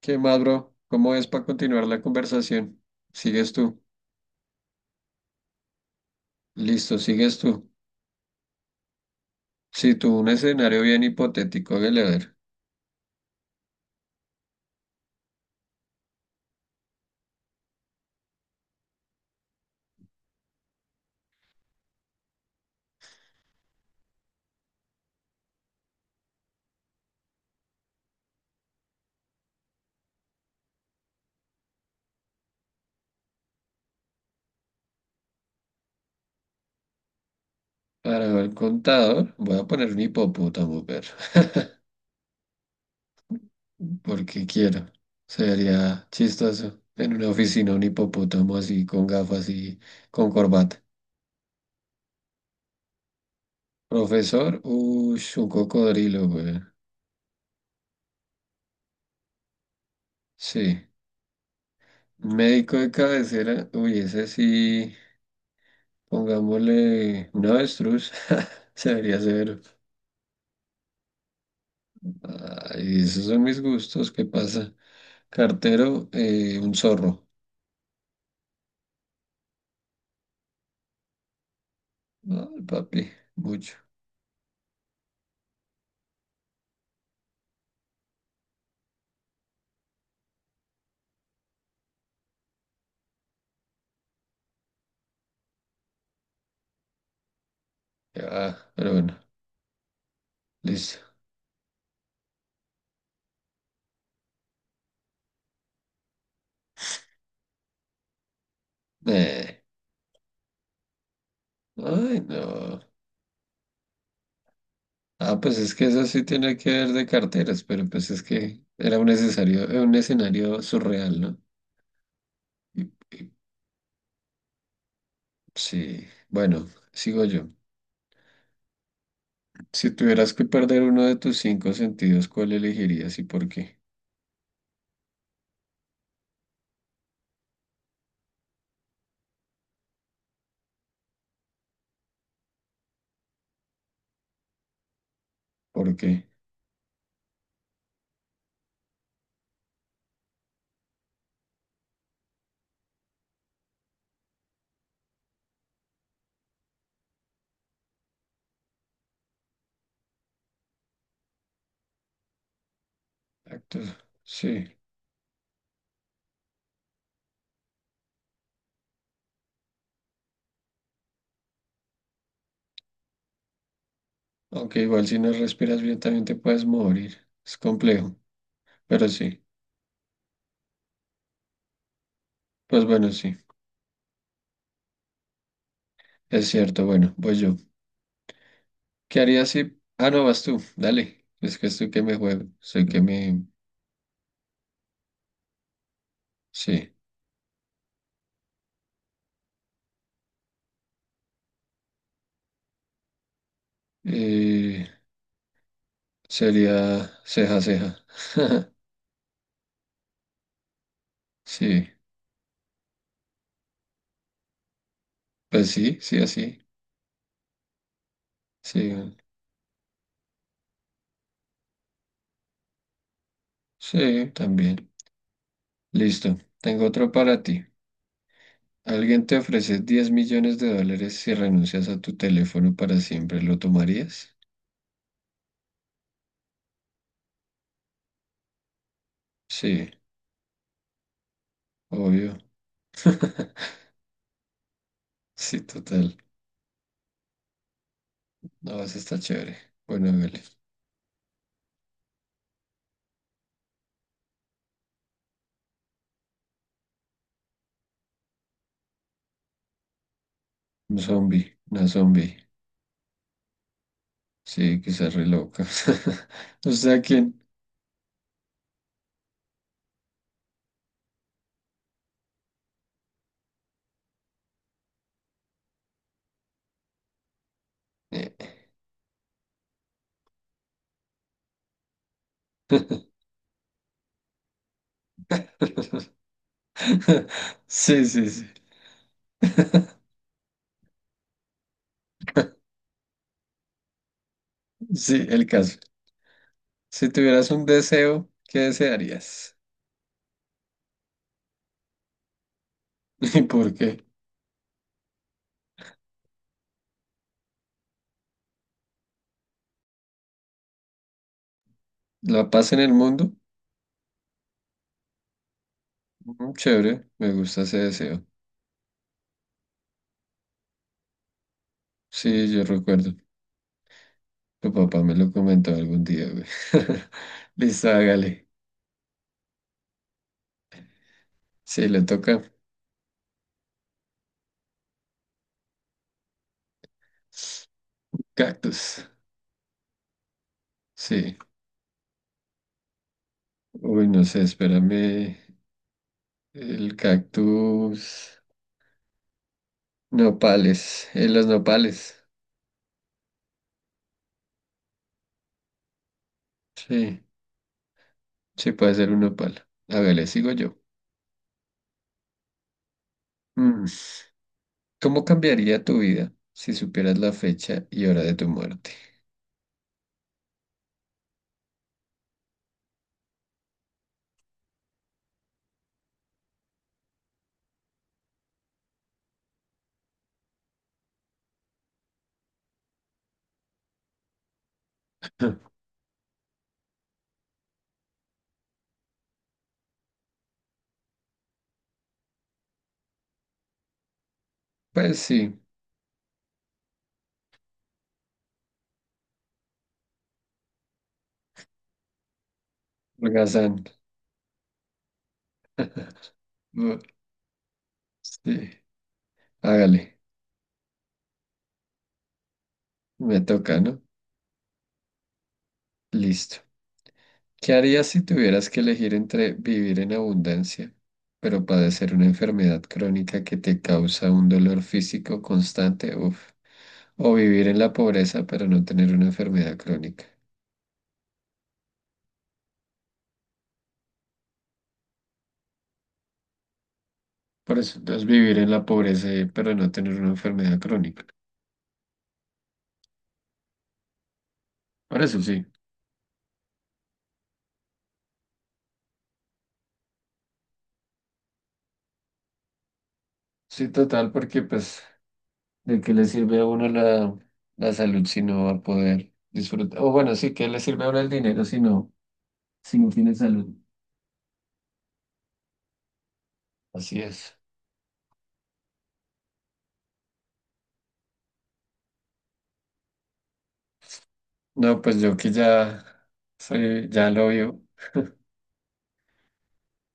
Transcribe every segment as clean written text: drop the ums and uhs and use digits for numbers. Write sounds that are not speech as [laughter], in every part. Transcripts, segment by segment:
¿Qué más, bro? ¿Cómo es para continuar la conversación? Sigues tú. Listo, sigues tú. Si tú un escenario bien hipotético, hágale a ver. Para el contador, voy a poner un hipopótamo, pero [laughs] porque quiero. Sería chistoso. En una oficina, un hipopótamo así, con gafas y con corbata. Profesor, uy, un cocodrilo, güey. Sí. Médico de cabecera, uy, ese sí, pongámosle un avestruz. [laughs] Se vería severo. Ay, esos son mis gustos, ¿qué pasa? Cartero, un zorro. Ay, papi, mucho. Ya, va, pero bueno, listo. Eh, ay, no. Ah, pues es que eso sí tiene que ver de carteras, pero pues es que era un necesario, un escenario surreal, ¿no? Y- y- sí, bueno, sigo yo. Si tuvieras que perder uno de tus cinco sentidos, ¿cuál elegirías y por qué? ¿Por qué? Actos. Sí. Aunque igual si no respiras bien también te puedes morir. Es complejo. Pero sí. Pues bueno, sí. Es cierto. Bueno, voy yo. ¿Qué harías si... ah, no, vas tú. Dale. Es que estoy que me juego. Sé que me... sí. Eh, sería ceja, ceja. [laughs] Sí. Pues sí, sí, así. Sí. Sí, también. Listo. Tengo otro para ti. Alguien te ofrece 10 millones de dólares si renuncias a tu teléfono para siempre. ¿Lo tomarías? Sí, obvio. [laughs] Sí, total. No, eso está chévere. Bueno, hágale. Un zombie, una zombie. Sí, que se re loca. [laughs] O sea, ¿quién? Eh. [laughs] Sí, sí, sí. Sí, el caso. Si tuvieras un deseo, ¿qué desearías? [laughs] ¿Y por qué? ¿La paz en el mundo? Mm, chévere, me gusta ese deseo. Sí, yo recuerdo. Tu papá me lo comentó algún día, güey. [laughs] Listo, hágale. Sí, le toca. Cactus. Sí. Uy, no sé, espérame. El cactus. Nopales. Los nopales. Sí, sí puede ser un nopal. Hágale, sigo yo. Mm, ¿cómo cambiaría tu vida si supieras la fecha y hora de tu muerte? [laughs] Pues sí, holgazán. Bu- Sí, hágale. Me toca, ¿no? Listo. ¿Qué harías si tuvieras que elegir entre vivir en abundancia, pero padecer una enfermedad crónica que te causa un dolor físico constante? Uf. O vivir en la pobreza pero no tener una enfermedad crónica. Por eso, entonces vivir en la pobreza pero no tener una enfermedad crónica. Por eso sí. Sí, total, porque pues, ¿de qué le sirve a uno la salud si no va a poder disfrutar? O bueno, sí, ¿qué le sirve a uno el dinero si no tiene salud? Así es. No, pues yo que ya soy, ya lo vio,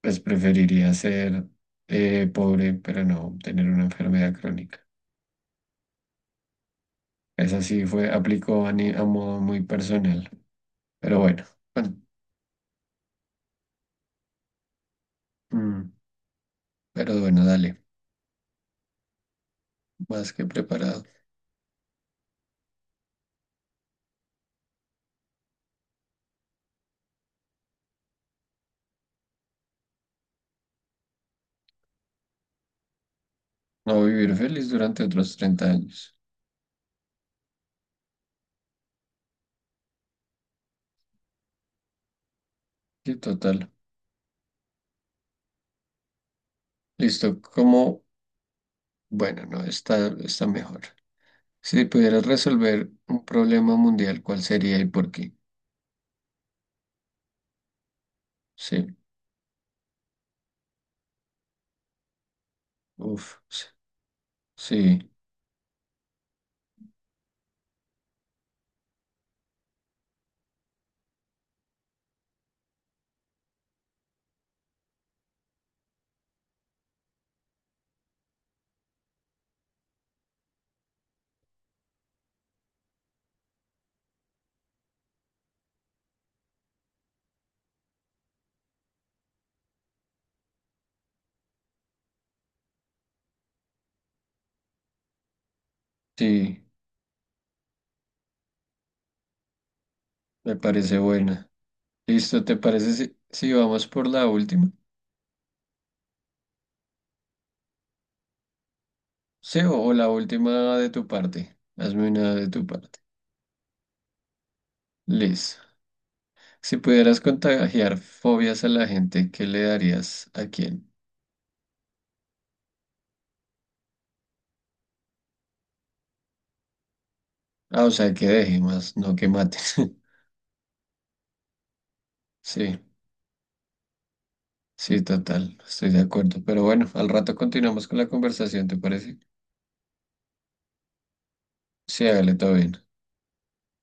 pues preferiría ser pobre pero no tener una enfermedad crónica. Esa sí fue, aplicó a, a modo muy personal. Pero bueno, bueno, mm, pero bueno, dale, más que preparado. No, vivir feliz durante otros 30 años. Sí, total. Listo, como, bueno, no, está mejor. Si pudieras resolver un problema mundial, ¿cuál sería y por qué? Sí, uff, sí, sí, me parece buena. Listo, ¿te parece si, si vamos por la última? Sí, o la última de tu parte. Hazme una de tu parte. Listo. Si pudieras contagiar fobias a la gente, ¿qué le darías a quién? Ah, o sea, que deje más, no que maten. [laughs] Sí, sí, total, estoy de acuerdo. Pero bueno, al rato continuamos con la conversación, ¿te parece? Sí, hágale, todo bien.